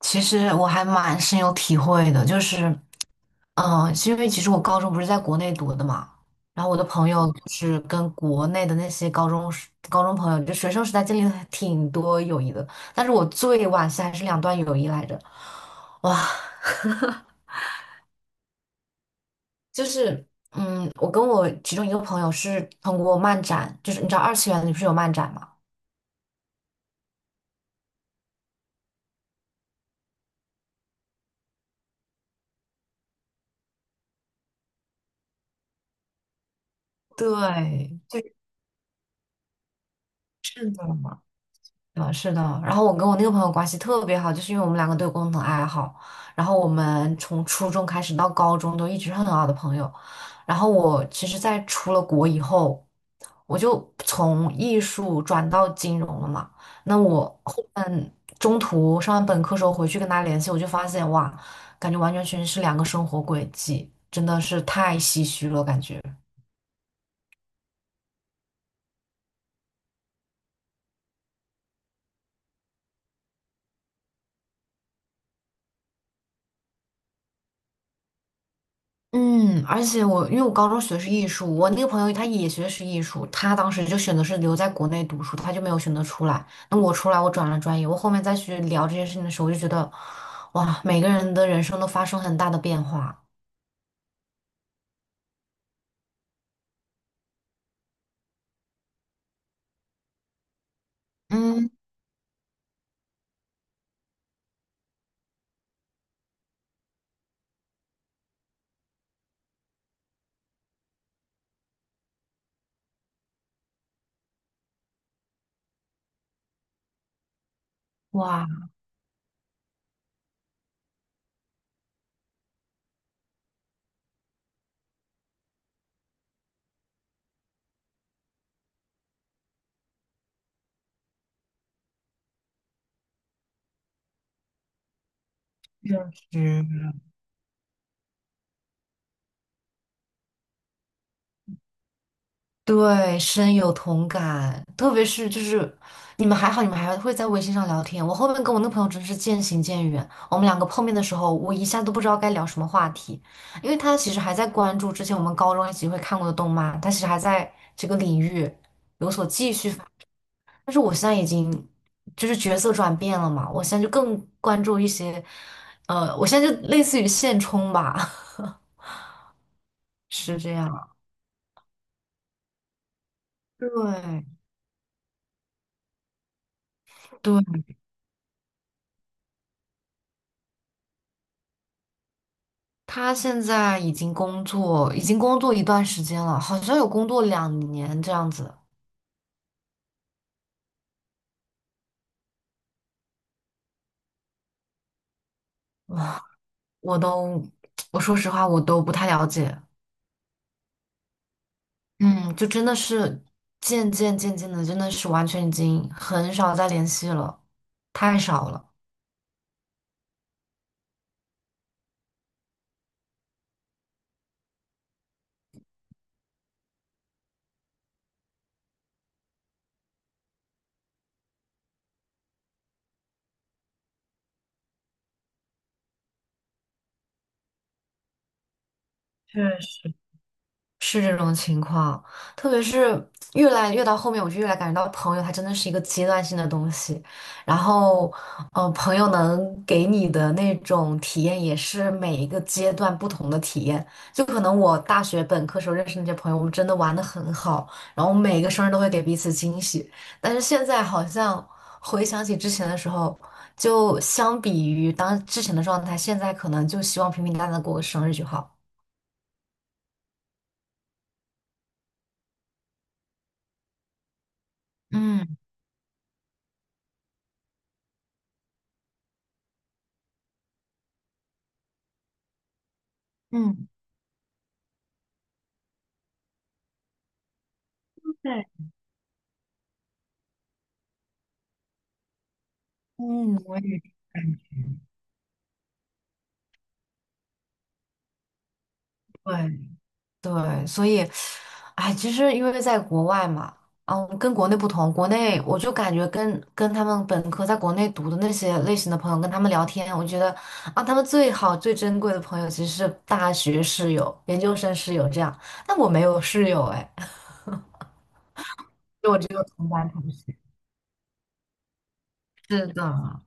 其实我还蛮深有体会的，就是，是因为其实我高中不是在国内读的嘛，然后我的朋友就是跟国内的那些高中朋友，就学生时代经历了挺多友谊的，但是我最惋惜还是两段友谊来着，哇，就是，我跟我其中一个朋友是通过漫展，就是你知道二次元里不是有漫展嘛？对，就认识了。啊，是的。然后我跟我那个朋友关系特别好，就是因为我们两个都有共同爱好，然后我们从初中开始到高中都一直是很好的朋友。然后我其实，在出了国以后，我就从艺术转到金融了嘛。那我后面中途上完本科时候回去跟他联系，我就发现哇，感觉完全是两个生活轨迹，真的是太唏嘘了，感觉。而且因为我高中学的是艺术，我那个朋友他也学的是艺术，他当时就选择是留在国内读书，他就没有选择出来。那我出来，我转了专业，我后面再去聊这件事情的时候，我就觉得，哇，每个人的人生都发生很大的变化。嗯，哇，确实。对，深有同感，特别是就是你们还好，你们还会在微信上聊天。我后面跟我那朋友真是渐行渐远，我们两个碰面的时候，我一下都不知道该聊什么话题，因为他其实还在关注之前我们高中一起会看过的动漫，他其实还在这个领域有所继续发但是我现在已经就是角色转变了嘛，我现在就更关注一些，我现在就类似于现充吧，是这样，对对。他现在已经工作，已经工作一段时间了，好像有工作2年这样子。哇，我都，我说实话，我都不太了解。嗯，就真的是渐渐渐渐的，真的是完全已经很少再联系了，太少了。确实。是这种情况，特别是越来越到后面，我就越来感觉到朋友它真的是一个阶段性的东西。然后，朋友能给你的那种体验也是每一个阶段不同的体验。就可能我大学本科时候认识那些朋友，我们真的玩的很好，然后每个生日都会给彼此惊喜。但是现在好像回想起之前的时候，就相比于当之前的状态，现在可能就希望平平淡淡地过个生日就好。嗯嗯，对。嗯，我也对对，所以，哎，其实因为在国外嘛，跟国内不同，国内我就感觉跟他们本科在国内读的那些类型的朋友跟他们聊天，我觉得啊，他们最好最珍贵的朋友其实是大学室友、研究生室友这样，但我没有室友哎，就我只有同班同学。是的，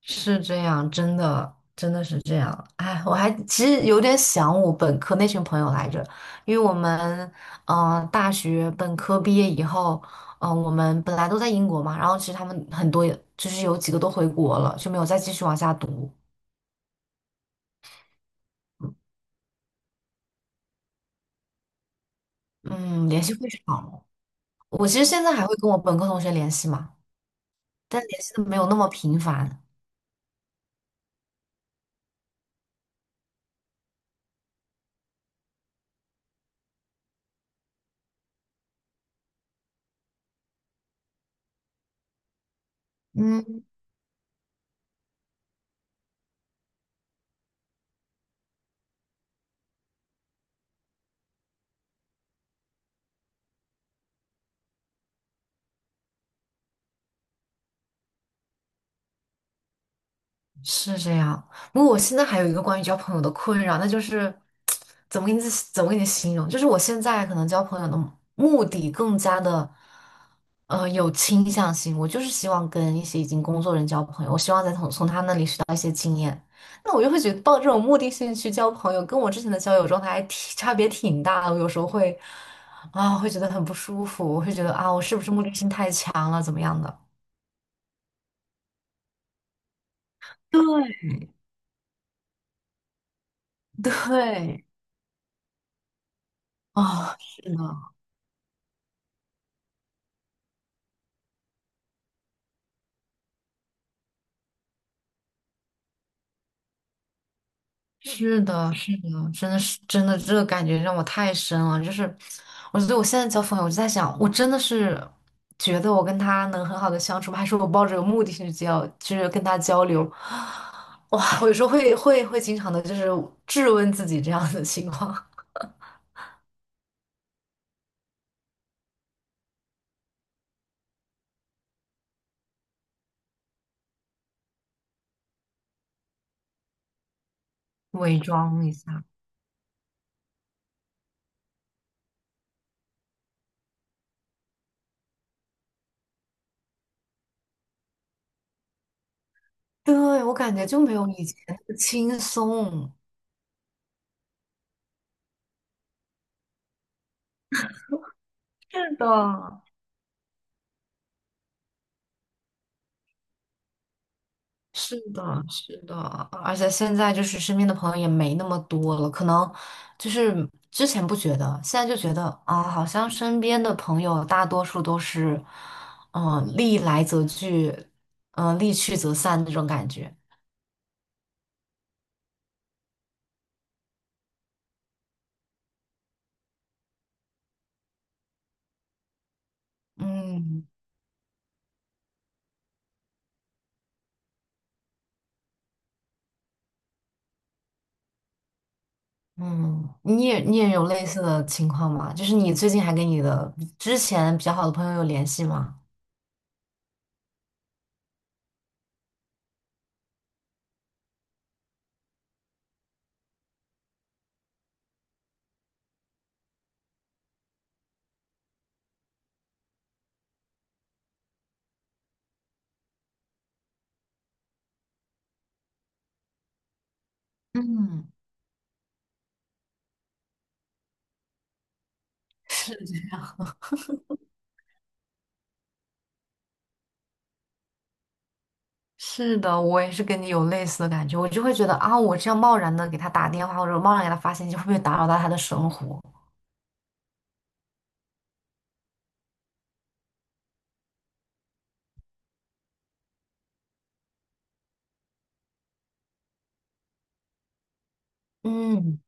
是这样，真的，真的是这样。哎，我还其实有点想我本科那群朋友来着，因为我们，大学本科毕业以后，我们本来都在英国嘛，然后其实他们很多也，就是有几个都回国了，就没有再继续往下读。嗯，联系会少了。我其实现在还会跟我本科同学联系嘛，但联系的没有那么频繁。嗯。是这样。不过我现在还有一个关于交朋友的困扰，那就是怎么给你怎么给你形容？就是我现在可能交朋友的目的更加的有倾向性，我就是希望跟一些已经工作人交朋友，我希望再从他那里学到一些经验。那我就会觉得抱这种目的性去交朋友，跟我之前的交友状态还挺差别挺大的。我有时候会觉得很不舒服，我会觉得啊，我是不是目的性太强了，怎么样的？对，对，哦，是的。是的，是的，真的是真的，这个感觉让我太深了。就是，我觉得我现在交朋友，我就在想，我真的是觉得我跟他能很好的相处吗？还是我抱着有目的性去交，就是跟他交流？哇，我有时候会经常的，就是质问自己这样的情况。伪装一下。对，我感觉就没有以前那么轻松。是的。是的，是的，而且现在就是身边的朋友也没那么多了，可能就是之前不觉得，现在就觉得啊，好像身边的朋友大多数都是，利来则聚，利去则散那种感觉。嗯嗯，你也有类似的情况吗？就是你最近还跟你的之前比较好的朋友有联系吗？嗯，是是的，我也是跟你有类似的感觉，我就会觉得啊，我这样贸然的给他打电话，或者贸然给他发信息，会不会打扰到他的生活？嗯，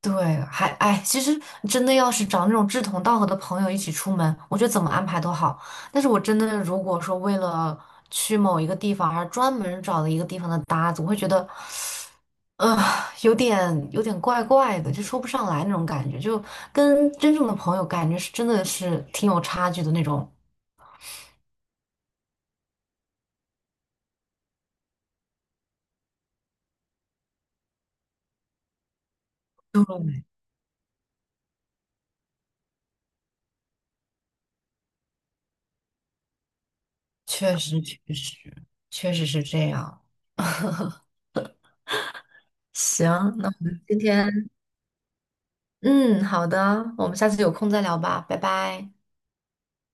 对，还哎，其实真的要是找那种志同道合的朋友一起出门，我觉得怎么安排都好。但是我真的如果说为了去某一个地方而专门找了一个地方的搭子，我会觉得，呃，有点怪怪的，就说不上来那种感觉，就跟真正的朋友感觉是真的是挺有差距的那种。确实，确实，确实是这样。行，那我们今天，嗯，好的，我们下次有空再聊吧，拜拜。